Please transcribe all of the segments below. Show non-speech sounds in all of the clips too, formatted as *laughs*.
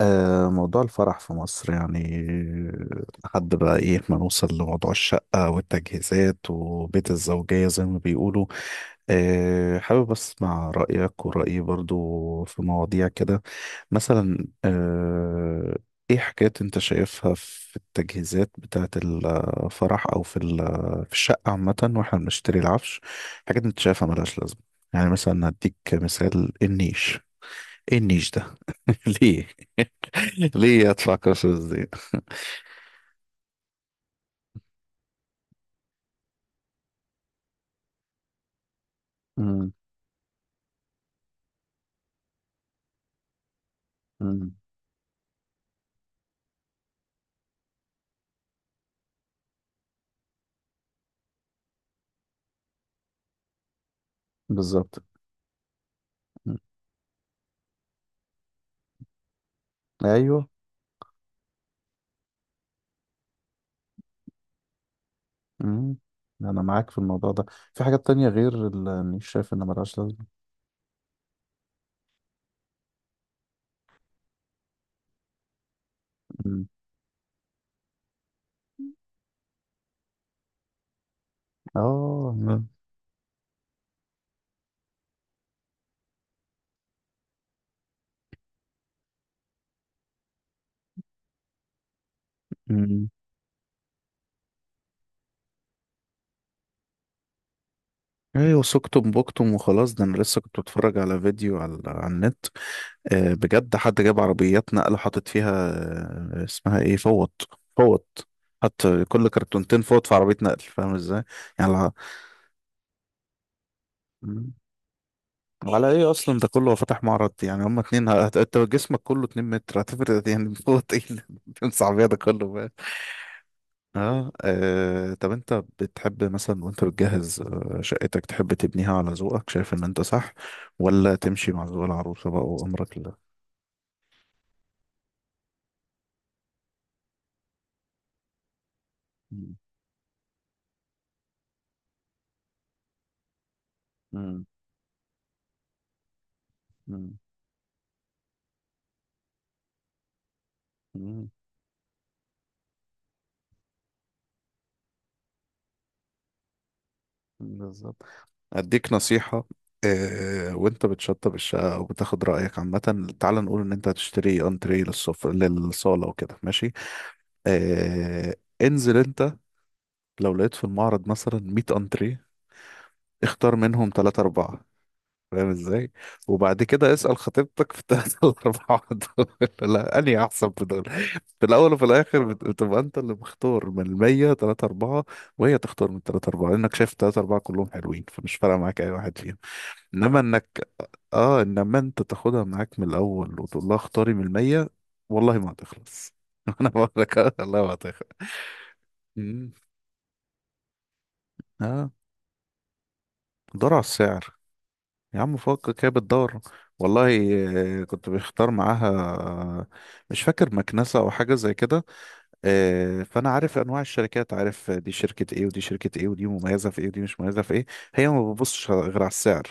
موضوع الفرح في مصر يعني لحد بقى ايه ما نوصل لموضوع الشقة والتجهيزات وبيت الزوجية زي ما بيقولوا. حابب اسمع رأيك ورأيي برضو في مواضيع كده. مثلا ايه حاجات انت شايفها في التجهيزات بتاعة الفرح او في في الشقة عامة واحنا بنشتري العفش. حاجات انت شايفها ملهاش لازمة، يعني مثلا هديك مثال النيش. ايه النيش ده؟ ليه؟ *laughs* ليه ادفع قصص دي؟ مم. مم. بالظبط. مم. ايوه. مم. انا معاك في الموضوع ده. في حاجات تانية غير اللي شايف ان ملهاش لازمة؟ مم. اه. مم. مم. ايوه، سكتم بوكتم وخلاص. ده انا لسه كنت بتفرج على فيديو على النت. بجد حد جاب عربيات نقل وحاطط فيها. اسمها ايه؟ فوط. فوط. حط كل كرتونتين فوط في عربية نقل، فاهم ازاي؟ يعني مم. على ايه اصلا ده كله؟ هو فاتح معرض؟ يعني هما اتنين انت جسمك كله 2 متر، هتفرق *laughs* يعني فوق ايه؟ صعبية *laughs* ده كله بقى. اه. طب انت بتحب مثلا وانت بتجهز شقتك، تحب تبنيها على ذوقك شايف ان انت صح، ولا تمشي مع ذوق العروسة بقى وامرك لله؟ مم، مم، مم، مم، بالظبط. اديك نصيحة. وانت بتشطب الشقة وبتاخد رأيك عامة، تعال نقول ان انت هتشتري انتريه للصف للصالة وكده ماشي. آه انزل انت لو لقيت في المعرض مثلا 100 انتريه، اختار منهم 3 4، فاهم ازاي؟ وبعد كده اسأل خطيبتك في الثلاثة *laughs* الأربعة دول، لا أنهي أحسن في دول. في الأول وفي الآخر بتبقى أنت اللي مختار من المية تلاتة أربعة، وهي تختار من التلاتة أربعة، لأنك شايف التلاتة أربعة كلهم حلوين فمش فارقة معاك أي واحد فيهم. إنما إنك آه إنما أنت تاخدها معاك من الأول وتقول لها اختاري من المية، والله ما هتخلص. *laughs* أنا بقول لك والله ما هتخلص. مم. آه. دور على السعر. يا عم فكك هي بتدور، والله. كنت بختار معاها مش فاكر مكنسة أو حاجة زي كده. فانا عارف انواع الشركات، عارف دي شركه ايه ودي شركه ايه ودي مميزه في ايه ودي مش مميزه في ايه، هي ما بتبصش غير على السعر.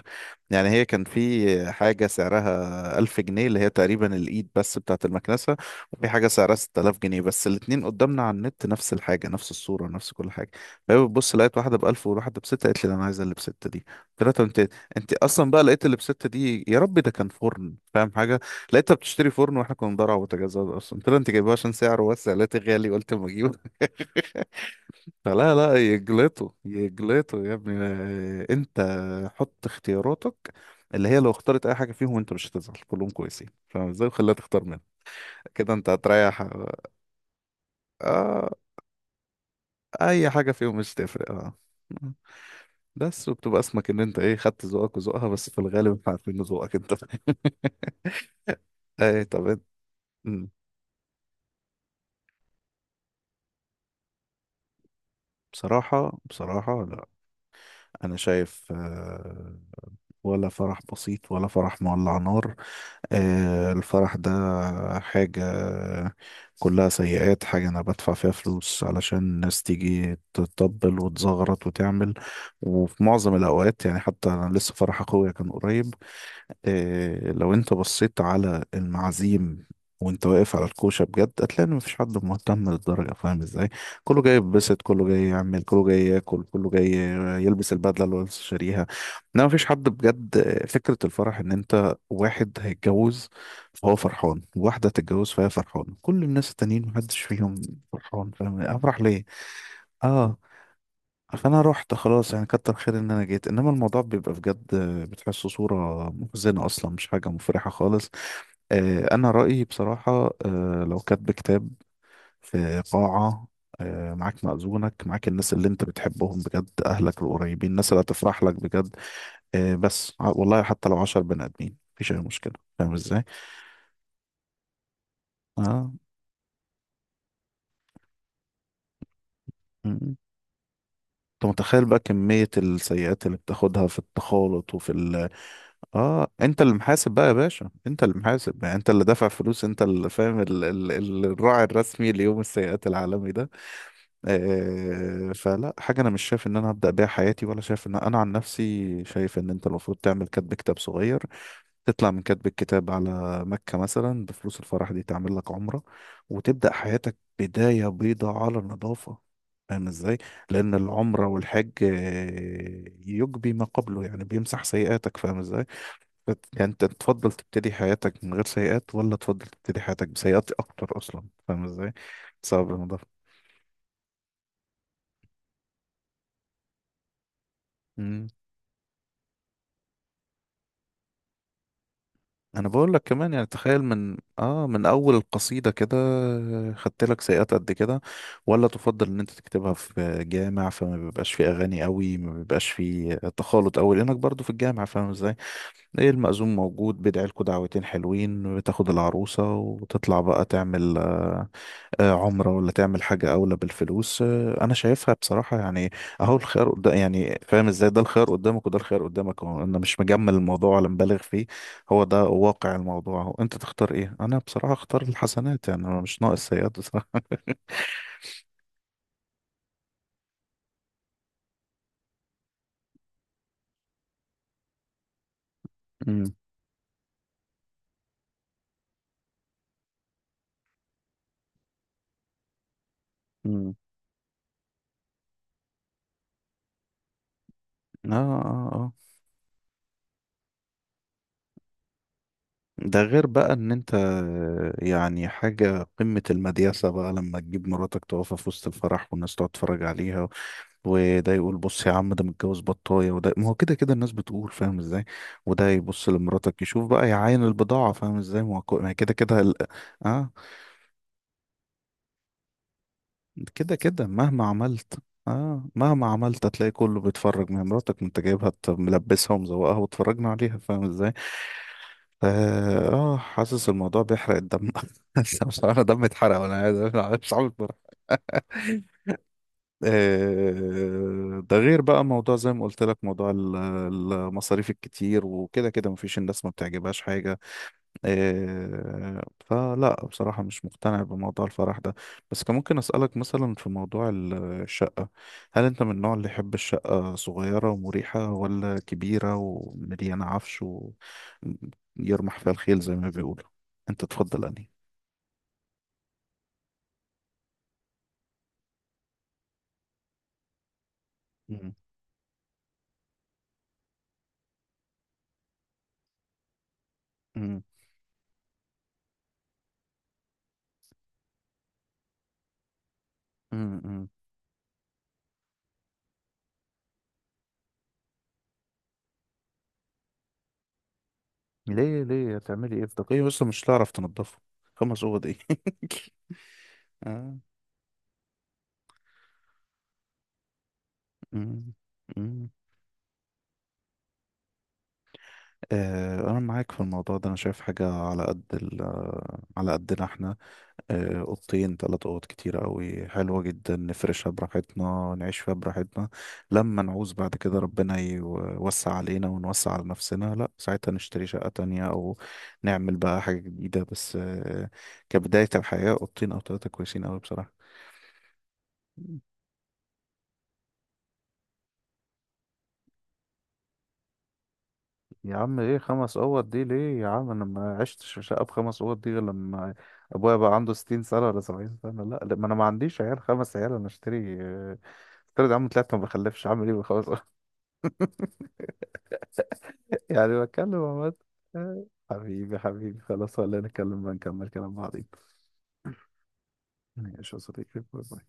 يعني هي كان في حاجه سعرها 1000 جنيه، اللي هي تقريبا الايد بس بتاعه المكنسه، وفي حاجه سعرها 6000 جنيه بس، الاتنين قدامنا على النت نفس الحاجه نفس الصوره نفس كل حاجه. فهي بتبص، لقيت واحده ب 1000 وواحده ب 6، قالت لي لا، انا عايزه اللي ب 6 دي. قلت لها طب انت، انت اصلا بقى لقيت اللي ب 6 دي؟ يا رب. ده كان فرن فاهم حاجه، لقيتها بتشتري فرن واحنا كنا بندور على بوتاجازات اصلا. قلت لها انت جايبها عشان سعره بس؟ قالت لي غالي، قلت اما اجيبه. *laughs* فلا لا، يجلطوا يجلطوا يا ابني. انت حط اختياراتك اللي هي لو اختارت اي حاجه فيهم انت مش هتزعل، كلهم كويسين فاهم ازاي؟ وخليها تختار منها. كده انت هتريح. آه. اي حاجه فيهم مش تفرق. اه. بس وبتبقى اسمك ان انت ايه خدت ذوقك وذوقها، بس في الغالب احنا عارفين ذوقك انت. *laughs* ايه طب انت- مم. بصراحة بصراحة لا. أنا شايف ولا فرح بسيط ولا فرح مولع نار. الفرح ده حاجة كلها سيئات، حاجة أنا بدفع فيها فلوس علشان الناس تيجي تطبل وتزغرط وتعمل. وفي معظم الأوقات يعني حتى أنا لسه فرح أخويا كان قريب. إيه، لو انت بصيت على المعازيم وانت واقف على الكوشة بجد هتلاقي ان مفيش حد مهتم للدرجة، فاهم ازاي؟ كله جاي يتبسط، كله جاي يعمل، كله جاي ياكل، كله جاي يلبس البدلة اللي هو لسه شاريها. انما مفيش حد بجد. فكرة الفرح ان انت واحد هيتجوز فهو فرحان، واحدة هتتجوز فهي فرحانة، كل الناس التانيين محدش فيهم فرحان، فاهم افرح ليه؟ اه. فانا رحت خلاص، يعني كتر خير ان انا جيت، انما الموضوع بيبقى بجد بتحسه صورة محزنة اصلا، مش حاجة مفرحة خالص. انا رأيي بصراحة، لو كاتب كتاب في قاعة، معاك مأذونك، معاك الناس اللي انت بتحبهم بجد، اهلك القريبين، الناس اللي هتفرح لك بجد. بس والله حتى لو 10 بني ادمين مفيش اي مشكلة، فاهم ازاي؟ اه. م- م. انت متخيل بقى كمية السيئات اللي بتاخدها في التخالط وفي؟ اه. انت اللي محاسب بقى يا باشا، انت اللي محاسب يعني، انت اللي دافع فلوس، انت اللي فاهم الراعي الرسمي ليوم السيئات العالمي ده. فلا حاجه. انا مش شايف ان انا هبدا بيها حياتي، ولا شايف ان انا، عن نفسي شايف ان انت المفروض تعمل كاتب كتاب صغير، تطلع من كاتب الكتاب على مكه مثلا بفلوس الفرح دي تعمل لك عمره، وتبدا حياتك بدايه بيضاء على النظافه، فاهم ازاي؟ لأن العمرة والحج يجبي ما قبله، يعني بيمسح سيئاتك، فاهم ازاي؟ يعني انت تفضل تبتدي حياتك من غير سيئات، ولا تفضل تبتدي حياتك بسيئات اكتر اصلا، فاهم ازاي؟ صعب الموضوع. مم. انا بقول لك كمان، يعني تخيل من من اول القصيدة كده خدت لك سيئات قد كده، ولا تفضل ان انت تكتبها في جامع فما بيبقاش فيه اغاني قوي، ما بيبقاش فيه تخالط قوي لانك برضو في الجامع، فاهم ازاي؟ ايه، المأذون موجود بيدعي لكوا دعوتين حلوين، بتاخد العروسة وتطلع بقى تعمل عمرة، ولا تعمل حاجة أولى بالفلوس. أنا شايفها بصراحة يعني. أهو الخيار قدام يعني، فاهم إزاي؟ ده الخيار قدامك وده الخيار قدامك، هو أنا مش مجمل الموضوع ولا مبالغ فيه، هو ده واقع الموضوع. هو أنت تختار إيه؟ أنا بصراحة أختار الحسنات، يعني أنا مش ناقص سيئات بصراحة. *laughs* امم. امم. آه. آه. آه. ده غير بقى ان انت، يعني حاجة قمة المدياسة بقى لما تجيب مراتك تقفها في وسط الفرح والناس تقعد تتفرج عليها، وده يقول بص يا عم ده متجوز بطاية، وده ما هو كده كده الناس بتقول، فاهم ازاي؟ وده يبص لمراتك يشوف بقى يعاين البضاعة، فاهم ازاي؟ ما هو ما هي كده كده اه. كده كده مهما عملت. اه، مهما عملت هتلاقي كله بيتفرج، ما هي مراتك ما انت جايبها ملبسها ومزوقها وتفرجنا عليها، فاهم ازاي؟ اه. حاسس الموضوع بيحرق الدم. *laughs* بس مش عارف دم اتحرق، ولا عايز مش عارف اتفرج. *laughs* ده غير بقى موضوع زي ما قلت لك، موضوع المصاريف الكتير، وكده كده مفيش الناس ما بتعجبهاش حاجة. إيه فلا بصراحة مش مقتنع بموضوع الفرح ده. بس كان ممكن أسألك مثلا في موضوع الشقة، هل أنت من النوع اللي يحب الشقة صغيرة ومريحة ولا كبيرة ومليانة عفش ويرمح فيها الخيل زي ما بيقولوا؟ أنت تفضل أنهي؟ مم. مم. مم. مم. ليه؟ ليه هتعملي إيه في دقيقة؟ بس مش هتعرف تنضفه. خمس أوض إيه؟ *laughs* آه. مم. مم. أنا معاك في الموضوع ده، أنا شايف حاجة على قد على قدنا إحنا. أوضتين تلات أوض كتيرة أوي، حلوة جدا، نفرشها براحتنا، نعيش فيها براحتنا. لما نعوز بعد كده ربنا يوسع علينا ونوسع على نفسنا، لأ ساعتها نشتري شقة تانية أو نعمل بقى حاجة جديدة. بس كبداية الحياة أوضتين أو تلاتة كويسين أوي بصراحة. يا عم ايه خمس اوض دي ليه؟ يا عم انا ما عشتش في شقه بخمس اوض دي غير لما ابويا بقى عنده 60 سنه ولا 70 سنه. لا لا، ما انا ما عنديش عيال خمس عيال انا اشتري. افترض يا عم طلعت ما بخلفش، عامل ايه بخمس اوض؟ *laughs* يعني بتكلم عمال. حبيبي حبيبي خلاص، ولا نتكلم بقى نكمل كلام بعضين. ماشي يا صديقي، باي باي.